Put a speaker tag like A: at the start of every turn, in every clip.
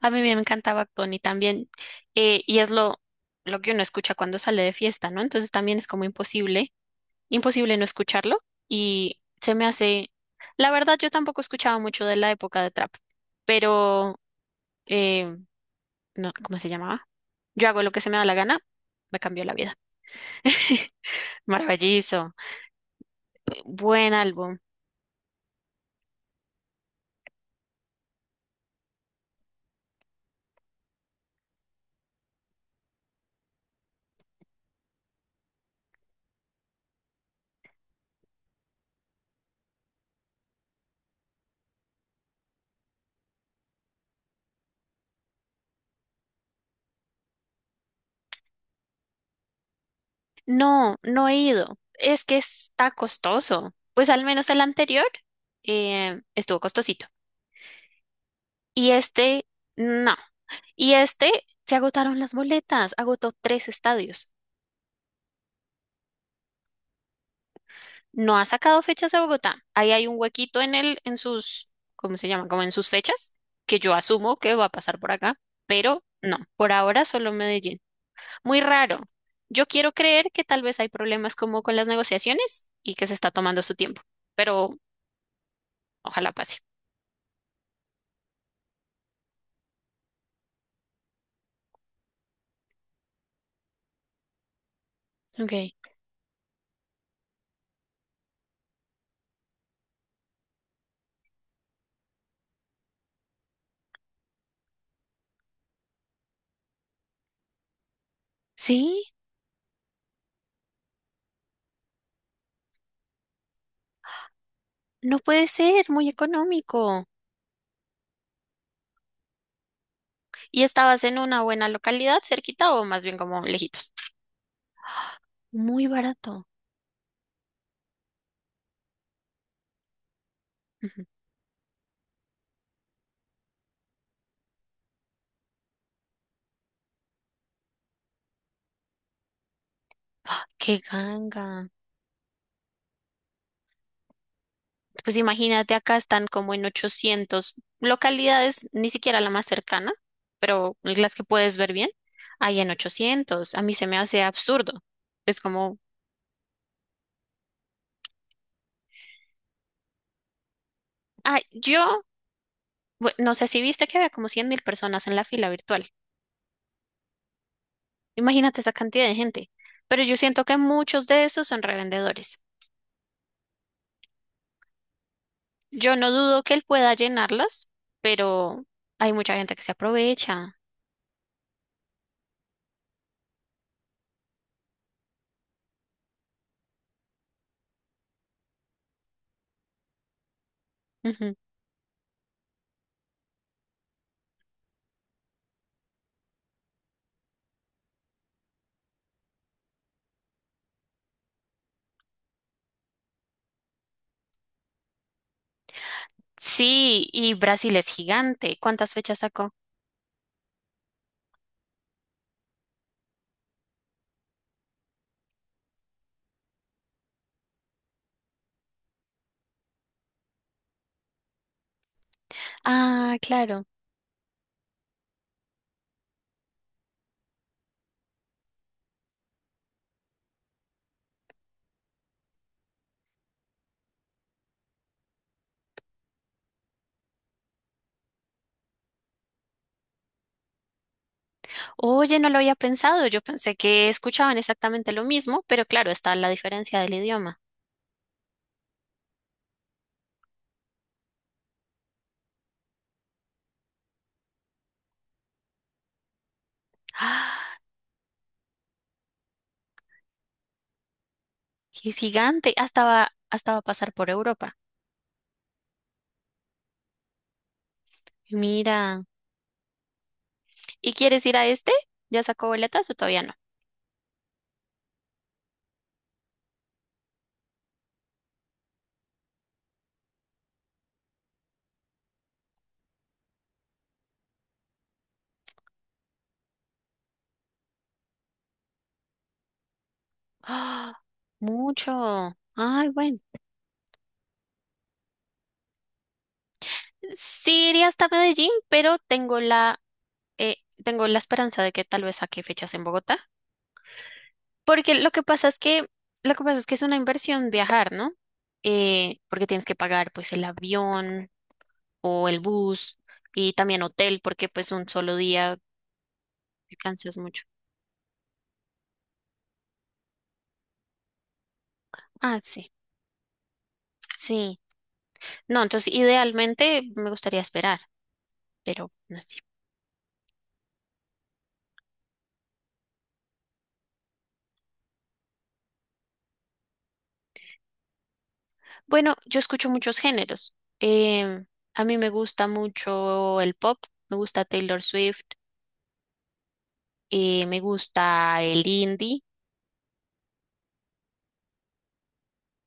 A: A mí me encantaba Tony también, y es lo que uno escucha cuando sale de fiesta, ¿no? Entonces también es como imposible, imposible no escucharlo, y se me hace, la verdad yo tampoco escuchaba mucho de la época de trap, pero, eh, no, ¿cómo se llamaba? Yo hago lo que se me da la gana, me cambió la vida. Maravilloso, buen álbum. No, no he ido, es que está costoso, pues al menos el anterior estuvo costosito. Y este, no. Y este, se agotaron las boletas, agotó tres estadios. No ha sacado fechas de Bogotá. Ahí hay un huequito en sus, ¿cómo se llama? Como en sus fechas, que yo asumo que va a pasar por acá, pero no, por ahora solo Medellín. Muy raro. Yo quiero creer que tal vez hay problemas como con las negociaciones y que se está tomando su tiempo, pero ojalá pase. Ok. Sí, no puede ser, muy económico. ¿Y estabas en una buena localidad, cerquita o más bien como lejitos? Muy barato. Ujú. Qué ganga. Pues imagínate, acá están como en 800 localidades, ni siquiera la más cercana, pero las que puedes ver bien, hay en 800. A mí se me hace absurdo. Es como, ah, yo, no sé si viste que había como 100.000 personas en la fila virtual. Imagínate esa cantidad de gente. Pero yo siento que muchos de esos son revendedores. Yo no dudo que él pueda llenarlas, pero hay mucha gente que se aprovecha. Ujú. Sí, y Brasil es gigante. ¿Cuántas fechas sacó? Ah, claro. Oye, no lo había pensado. Yo pensé que escuchaban exactamente lo mismo, pero claro, está la diferencia del idioma. ¡Ah! Es gigante. Hasta va a pasar por Europa. Mira. ¿Y quieres ir a este? ¿Ya sacó boletas o todavía no? ¡Ah! Mucho. Ay, bueno. Sí iría hasta Medellín, pero eh, tengo la esperanza de que tal vez saque fechas en Bogotá, porque lo que pasa es que es una inversión viajar, ¿no? Porque tienes que pagar pues el avión o el bus y también hotel, porque pues un solo día te cansas mucho. Ah, sí, sí. No, entonces idealmente me gustaría esperar, pero no sé. Bueno, yo escucho muchos géneros. Em, a mí me gusta mucho el pop, me gusta Taylor Swift, me gusta el indie.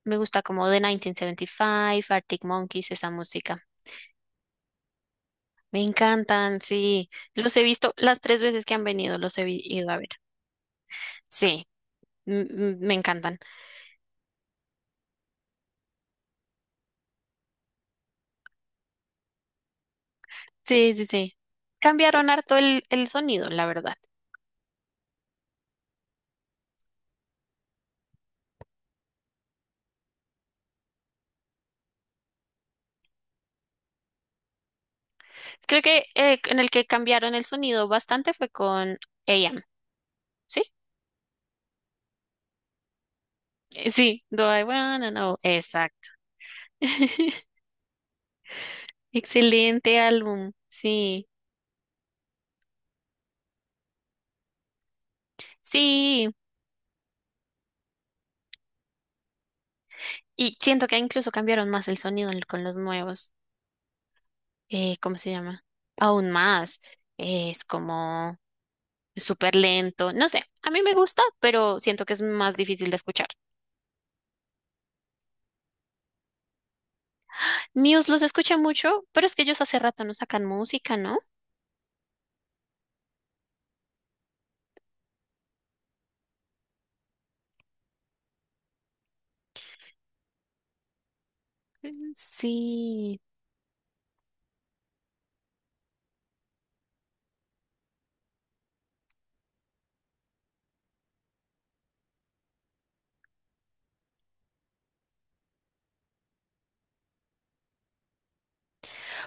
A: Me gusta como The 1975, Arctic Monkeys, esa música. Me encantan, sí. Los he visto las tres veces que han venido, los he ido a ver. Sí, me encantan. Sí, sí, sí. Cambiaron harto el sonido, la verdad. Creo que en el que cambiaron el sonido bastante fue con A M. ¿Sí? Sí, Do I Wanna Know. Exacto. Excelente álbum, sí. Sí. Y siento que incluso cambiaron más el sonido con los nuevos. ¿Cómo se llama? Aún más. Es como súper lento. No sé, a mí me gusta, pero siento que es más difícil de escuchar. Muse los escuché mucho, pero es que ellos hace rato no sacan música, ¿no? Mm, sí.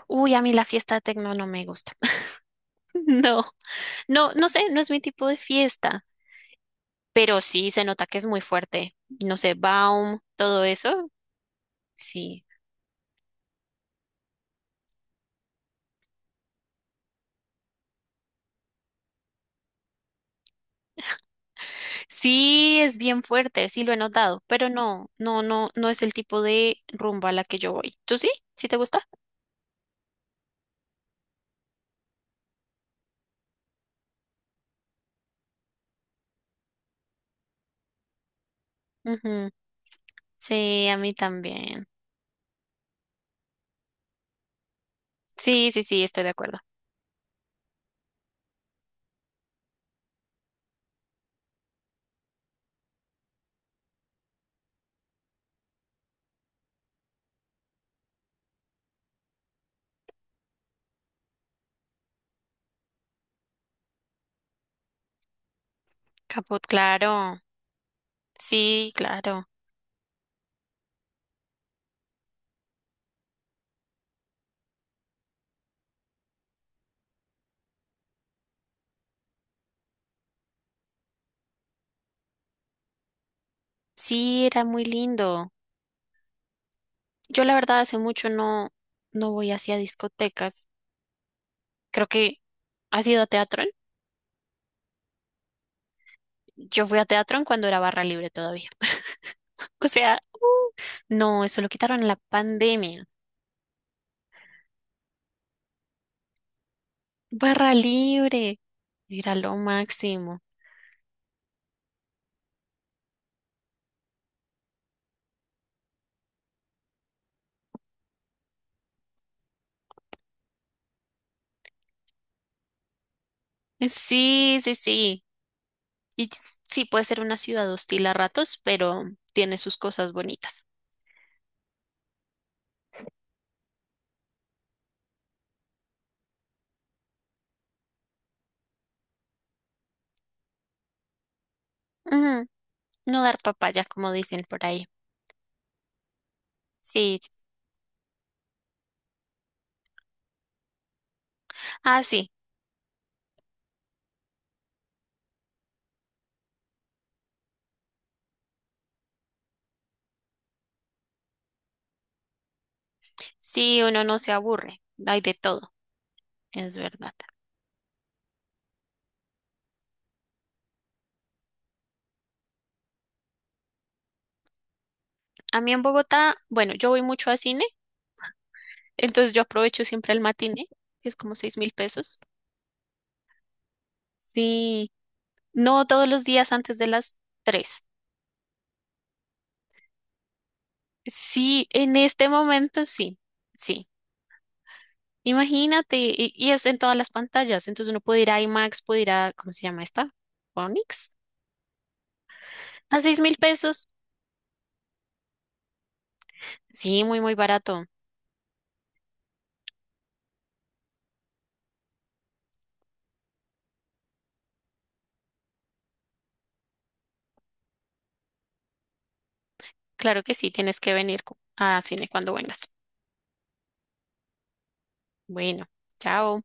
A: Uy, a mí la fiesta de tecno no me gusta. No, no, no sé, no es mi tipo de fiesta, pero sí se nota que es muy fuerte. No sé, Baum, todo eso, sí. Sí, es bien fuerte, sí lo he notado, pero no, no, no, no es el tipo de rumba a la que yo voy. ¿Tú sí? ¿Sí te gusta? Ujú. Sí, a mí también. Sí, sí, sí, estoy de acuerdo. Caput, claro. Sí, claro. Sí, era muy lindo. Yo la verdad hace mucho no, no voy hacia discotecas. Creo que ¿has ido a Teatrón? Yo fui a Teatrón cuando era barra libre todavía. O sea, no, eso lo quitaron en la pandemia. Barra libre. Mira lo máximo. Sí, sí, sí. Y sí puede ser una ciudad hostil a ratos, pero tiene sus cosas bonitas. Ujú, no dar papaya, como dicen por ahí. Sí, sí. Ah, sí. Sí, uno no se aburre. Hay de todo. Es verdad. A mí en Bogotá, bueno, yo voy mucho a cine, entonces yo aprovecho siempre el matiné, que es como 6.000 pesos. Sí. No todos los días antes de las tres. Sí, en este momento sí. Sí. Imagínate, y es en todas las pantallas. Entonces uno puede ir a IMAX, puede ir a, ¿cómo se llama esta? Onix. A 6.000 pesos. Sí, muy, muy barato. Claro que sí, tienes que venir a cine cuando vengas. Bueno, chao.